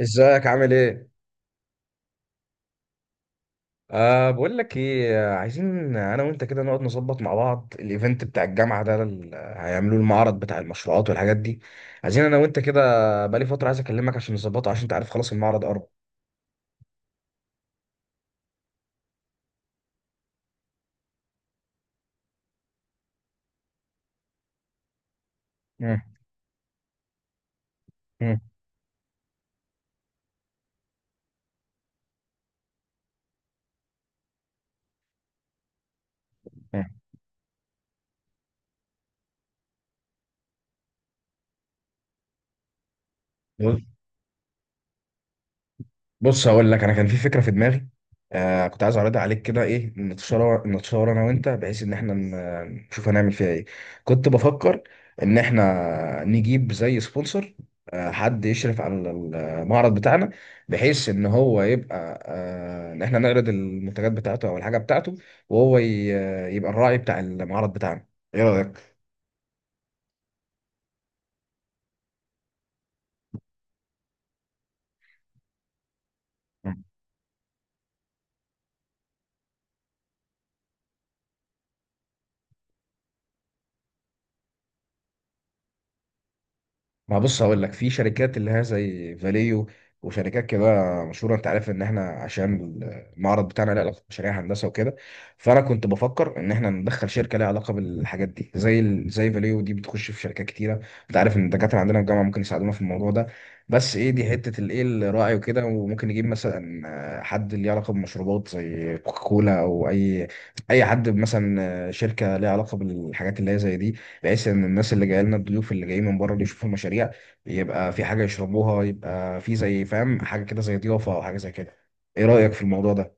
ازيك عامل ايه؟ أه، بقول لك ايه، عايزين انا وانت كده نقعد نظبط مع بعض الايفنت بتاع الجامعه ده، هيعملوه المعرض بتاع المشروعات والحاجات دي. عايزين انا وانت كده. بقالي فتره عايز اكلمك عشان نظبطه، عشان انت عارف خلاص المعرض قرب. مم. مم. مم. بص، هقول لك، انا كان في فكره في دماغي. كنت عايز اعرضها عليك، كده ايه، نتشاور انا وانت، بحيث ان احنا نشوف هنعمل فيها ايه. كنت بفكر ان احنا نجيب زي سبونسر، حد يشرف على المعرض بتاعنا، بحيث ان هو يبقى ان احنا نعرض المنتجات بتاعته او الحاجه بتاعته، وهو يبقى الراعي بتاع المعرض بتاعنا. ايه رايك؟ ما بص، هقول لك، في شركات اللي هي زي فاليو، وشركات كده مشهوره. انت عارف ان احنا، عشان المعرض بتاعنا له علاقه بمشاريع هندسه وكده، فانا كنت بفكر ان احنا ندخل شركه لها علاقه بالحاجات دي، زي فاليو دي بتخش في شركات كتيره. انت عارف ان الدكاتره عندنا في الجامعه ممكن يساعدونا في الموضوع ده. بس ايه، دي حته الايه الراعي وكده، وممكن نجيب مثلا حد ليه علاقه بمشروبات زي كوكاكولا، او اي، اي حد مثلا، شركه ليها علاقه بالحاجات اللي هي زي دي. بحيث ان الناس اللي جايه لنا، الضيوف اللي جايين من بره، اللي يشوفوا المشاريع، يبقى في حاجه يشربوها، يبقى في زي، فاهم، حاجه كده زي ضيافه او حاجه زي كده. ايه رايك في الموضوع ده؟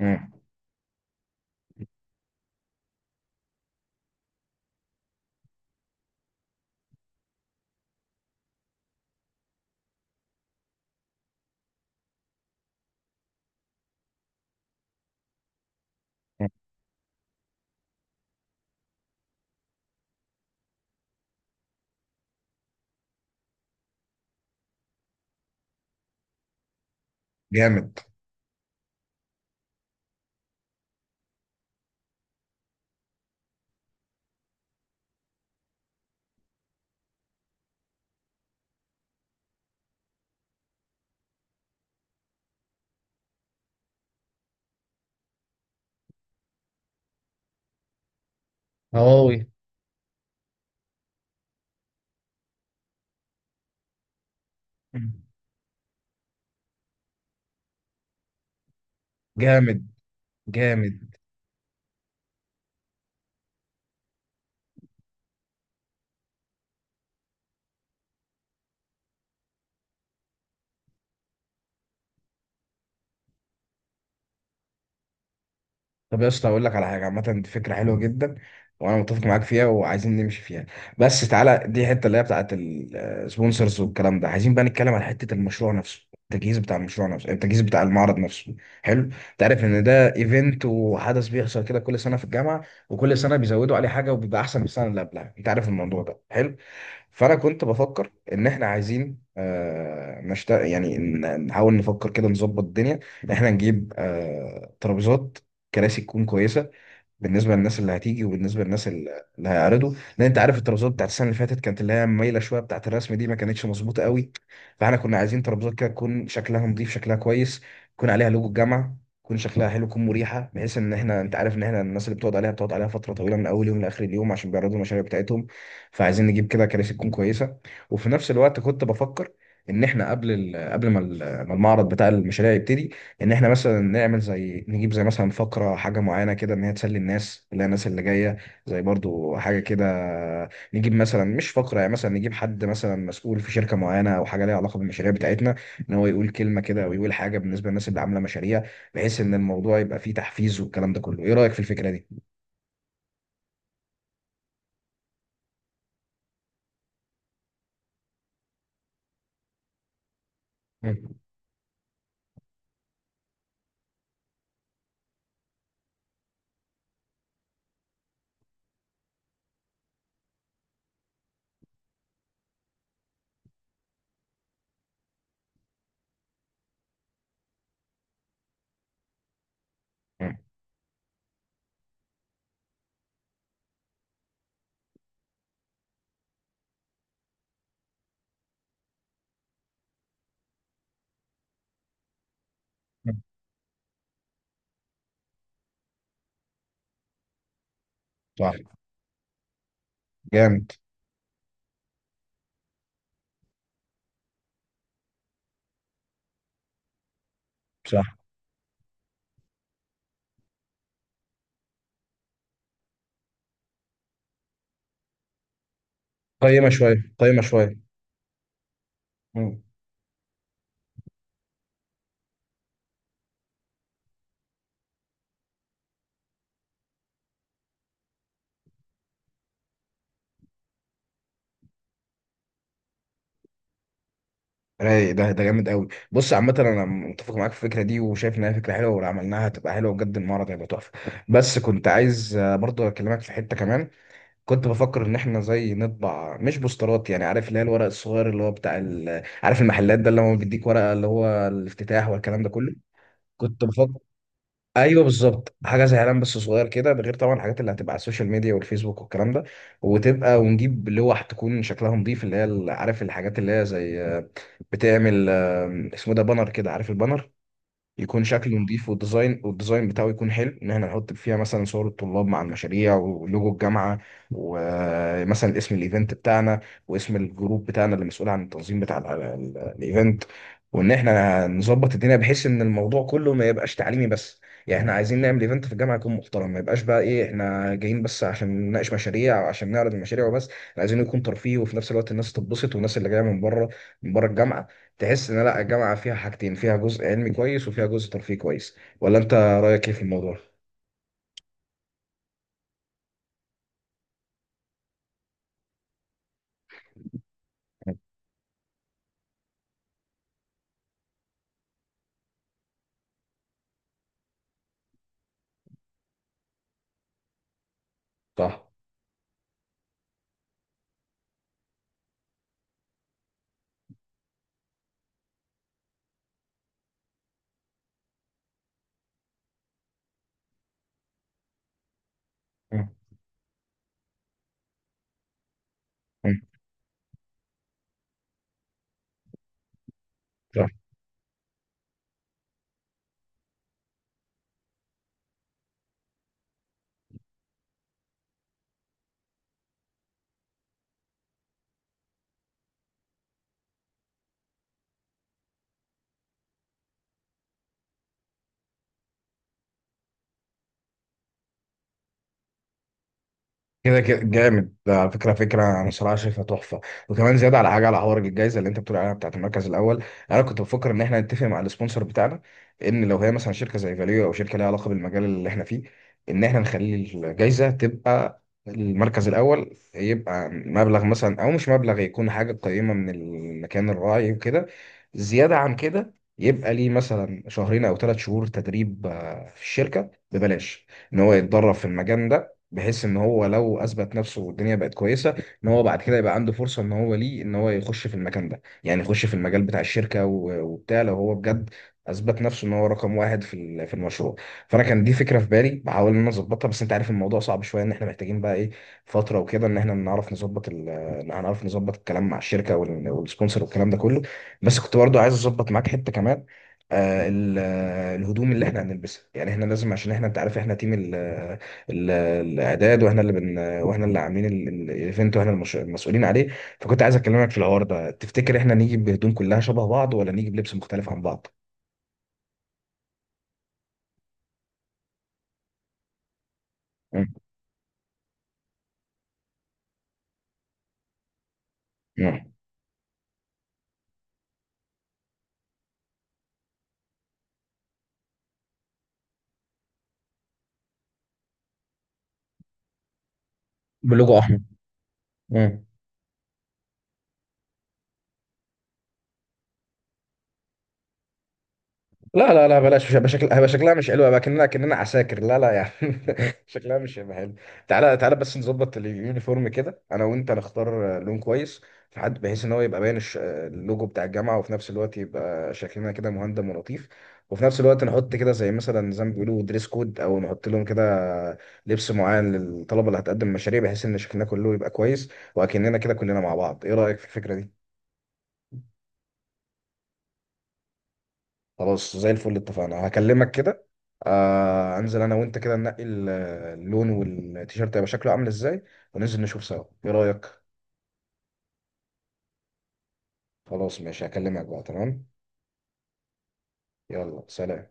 مم. مم. جامد. هواوي. مم. جامد. جامد. طب، يا اسطى، اقول لك على حاجه، عامه دي فكره حلوه جدا، وانا متفق معاك فيها وعايزين نمشي فيها. بس تعالى، دي الحته اللي هي بتاعت السبونسرز والكلام ده، عايزين بقى نتكلم على حته المشروع نفسه، التجهيز بتاع المشروع نفسه، التجهيز بتاع المعرض نفسه. حلو. تعرف ان ده ايفنت وحدث بيحصل كده كل سنه في الجامعه، وكل سنه بيزودوا عليه حاجه وبيبقى احسن من السنه اللي قبلها. انت عارف الموضوع ده حلو. فانا كنت بفكر ان احنا عايزين يعني نحاول نفكر كده، نظبط الدنيا إن احنا نجيب ترابيزات، كراسي تكون كويسه بالنسبه للناس اللي هتيجي، وبالنسبه للناس اللي هيعرضوا. لان انت عارف الترابيزات بتاعت السنه اللي فاتت كانت اللي هي مايله شويه بتاعت الرسم دي، ما كانتش مظبوطه قوي. فاحنا كنا عايزين ترابيزات كده تكون شكلها نظيف، شكلها كويس، يكون عليها لوجو الجامعه، يكون شكلها حلو، يكون مريحه، بحيث ان احنا، انت عارف ان احنا الناس اللي بتقعد عليها، بتقعد عليها فتره طويله من اول يوم لاخر اليوم، عشان بيعرضوا المشاريع بتاعتهم. فعايزين نجيب كده كراسي تكون كويسه. وفي نفس الوقت كنت بفكر ان احنا قبل ما المعرض بتاع المشاريع يبتدي، ان احنا مثلا نعمل زي، نجيب زي مثلا فقره، حاجه معينه كده ان هي تسلي الناس، اللي هي الناس اللي جايه. زي برضو حاجه كده، نجيب مثلا مش فقره، يعني مثلا نجيب حد مثلا مسؤول في شركه معينه، او حاجه ليها علاقه بالمشاريع بتاعتنا، ان هو يقول كلمه كده او يقول حاجه بالنسبه للناس اللي عامله مشاريع، بحيث ان الموضوع يبقى فيه تحفيز والكلام ده كله. ايه رايك في الفكره دي؟ مم. مم. صح. جامد. صح. قيمه شويه، قيمه شويه. مم. رايق. ده جامد قوي. بص، عامة انا متفق معاك في الفكرة دي، وشايف انها فكرة حلوة، ولو عملناها هتبقى حلوة بجد، المعرض هيبقى تحفة. بس كنت عايز، برضو اكلمك في حتة كمان. كنت بفكر ان احنا زي نطبع، مش بوسترات، يعني عارف اللي هي الورق الصغير، اللي هو بتاع عارف المحلات ده اللي هو بيديك ورقة، اللي هو الافتتاح والكلام ده كله. كنت بفكر، ايوه بالظبط، حاجه زي اعلان بس صغير كده. ده غير طبعا الحاجات اللي هتبقى على السوشيال ميديا والفيسبوك والكلام ده. وتبقى، ونجيب لوح تكون شكلها نظيف، اللي هي عارف الحاجات اللي هي زي، بتعمل، اسمه ده بانر كده، عارف البانر، يكون شكله نظيف، والديزاين بتاعه يكون حلو، ان احنا نحط فيها مثلا صور الطلاب مع المشاريع ولوجو الجامعه، ومثلا اسم الايفنت بتاعنا، واسم الجروب بتاعنا اللي مسؤول عن التنظيم بتاع الايفنت. وان احنا نظبط الدنيا بحيث ان الموضوع كله ما يبقاش تعليمي بس. يعني احنا عايزين نعمل ايفنت في الجامعه يكون محترم، ما يبقاش بقى ايه احنا جايين بس عشان نناقش مشاريع، او عشان نعرض المشاريع وبس. إحنا عايزين يكون ترفيه، وفي نفس الوقت الناس تتبسط، والناس اللي جايه من بره الجامعه تحس ان لا، الجامعه فيها حاجتين، فيها جزء علمي كويس وفيها جزء ترفيه كويس. ولا انت رايك ايه في الموضوع؟ صح. مم. مم. كده جامد، ده على فكره انا صراحه شايفها تحفه. وكمان زياده، على حاجه، على حوار الجائزه اللي انت بتقول عليها بتاعت المركز الاول، انا كنت بفكر ان احنا نتفق مع السبونسر بتاعنا، ان لو هي مثلا شركه زي فاليو، او شركه ليها علاقه بالمجال اللي احنا فيه، ان احنا نخلي الجائزه تبقى، المركز الاول يبقى مبلغ مثلا، او مش مبلغ، يكون حاجه قيمه من المكان الراعي وكده. زياده عن كده، يبقى ليه مثلا شهرين او 3 شهور تدريب في الشركه ببلاش، ان هو يتدرب في المجال ده، بحيث ان هو لو اثبت نفسه والدنيا بقت كويسه، ان هو بعد كده يبقى عنده فرصه، ان هو ليه، ان هو يخش في المكان ده، يعني يخش في المجال بتاع الشركه، وبتاع، لو هو بجد اثبت نفسه ان هو رقم واحد في المشروع. فانا كان دي فكره في بالي، بحاول ان انا اظبطها، بس انت عارف الموضوع صعب شويه، ان احنا محتاجين بقى ايه، فتره وكده ان احنا نعرف نظبط ان هنعرف نظبط الكلام مع الشركه والسبونسر والكلام ده كله. بس كنت برضو عايز اظبط معاك حته كمان. الهدوم اللي احنا هنلبسها، يعني احنا لازم، عشان احنا، انت عارف احنا تيم الاعداد، واحنا اللي بن، واحنا اللي عاملين الايفنت، واحنا المسؤولين عليه. فكنت عايز اكلمك في الحوار ده. تفتكر احنا نيجي بهدوم كلها شبه بعض، ولا نيجي بلبس مختلف عن بعض؟ مم. مم. بلوجو احمر. مم. لا، لا، لا، بلاش، مش هيبقى شكل، هيبقى شكلها مش حلو، هيبقى كأننا عساكر. لا، لا، يعني. شكلها مش هيبقى حلو. تعالى تعالى، بس نظبط اليونيفورم كده انا وانت، نختار لون كويس، في حد، بحيث ان هو يبقى باين اللوجو بتاع الجامعة، وفي نفس الوقت يبقى شكلنا كده مهندم ولطيف. وفي نفس الوقت نحط كده، زي مثلا، زي ما بيقولوا دريس كود، او نحط لهم كده لبس معين للطلبة اللي هتقدم مشاريع، بحيث ان شكلنا كله يبقى كويس، واكننا كده كلنا مع بعض. ايه رأيك في الفكرة دي؟ خلاص، زي الفل، اتفقنا، هكلمك كده. انزل انا وانت كده ننقي اللون، والتيشيرت هيبقى شكله عامل ازاي، وننزل نشوف سوا. ايه رأيك؟ خلاص ماشي، هكلمك بقى. تمام. يلا، سلام.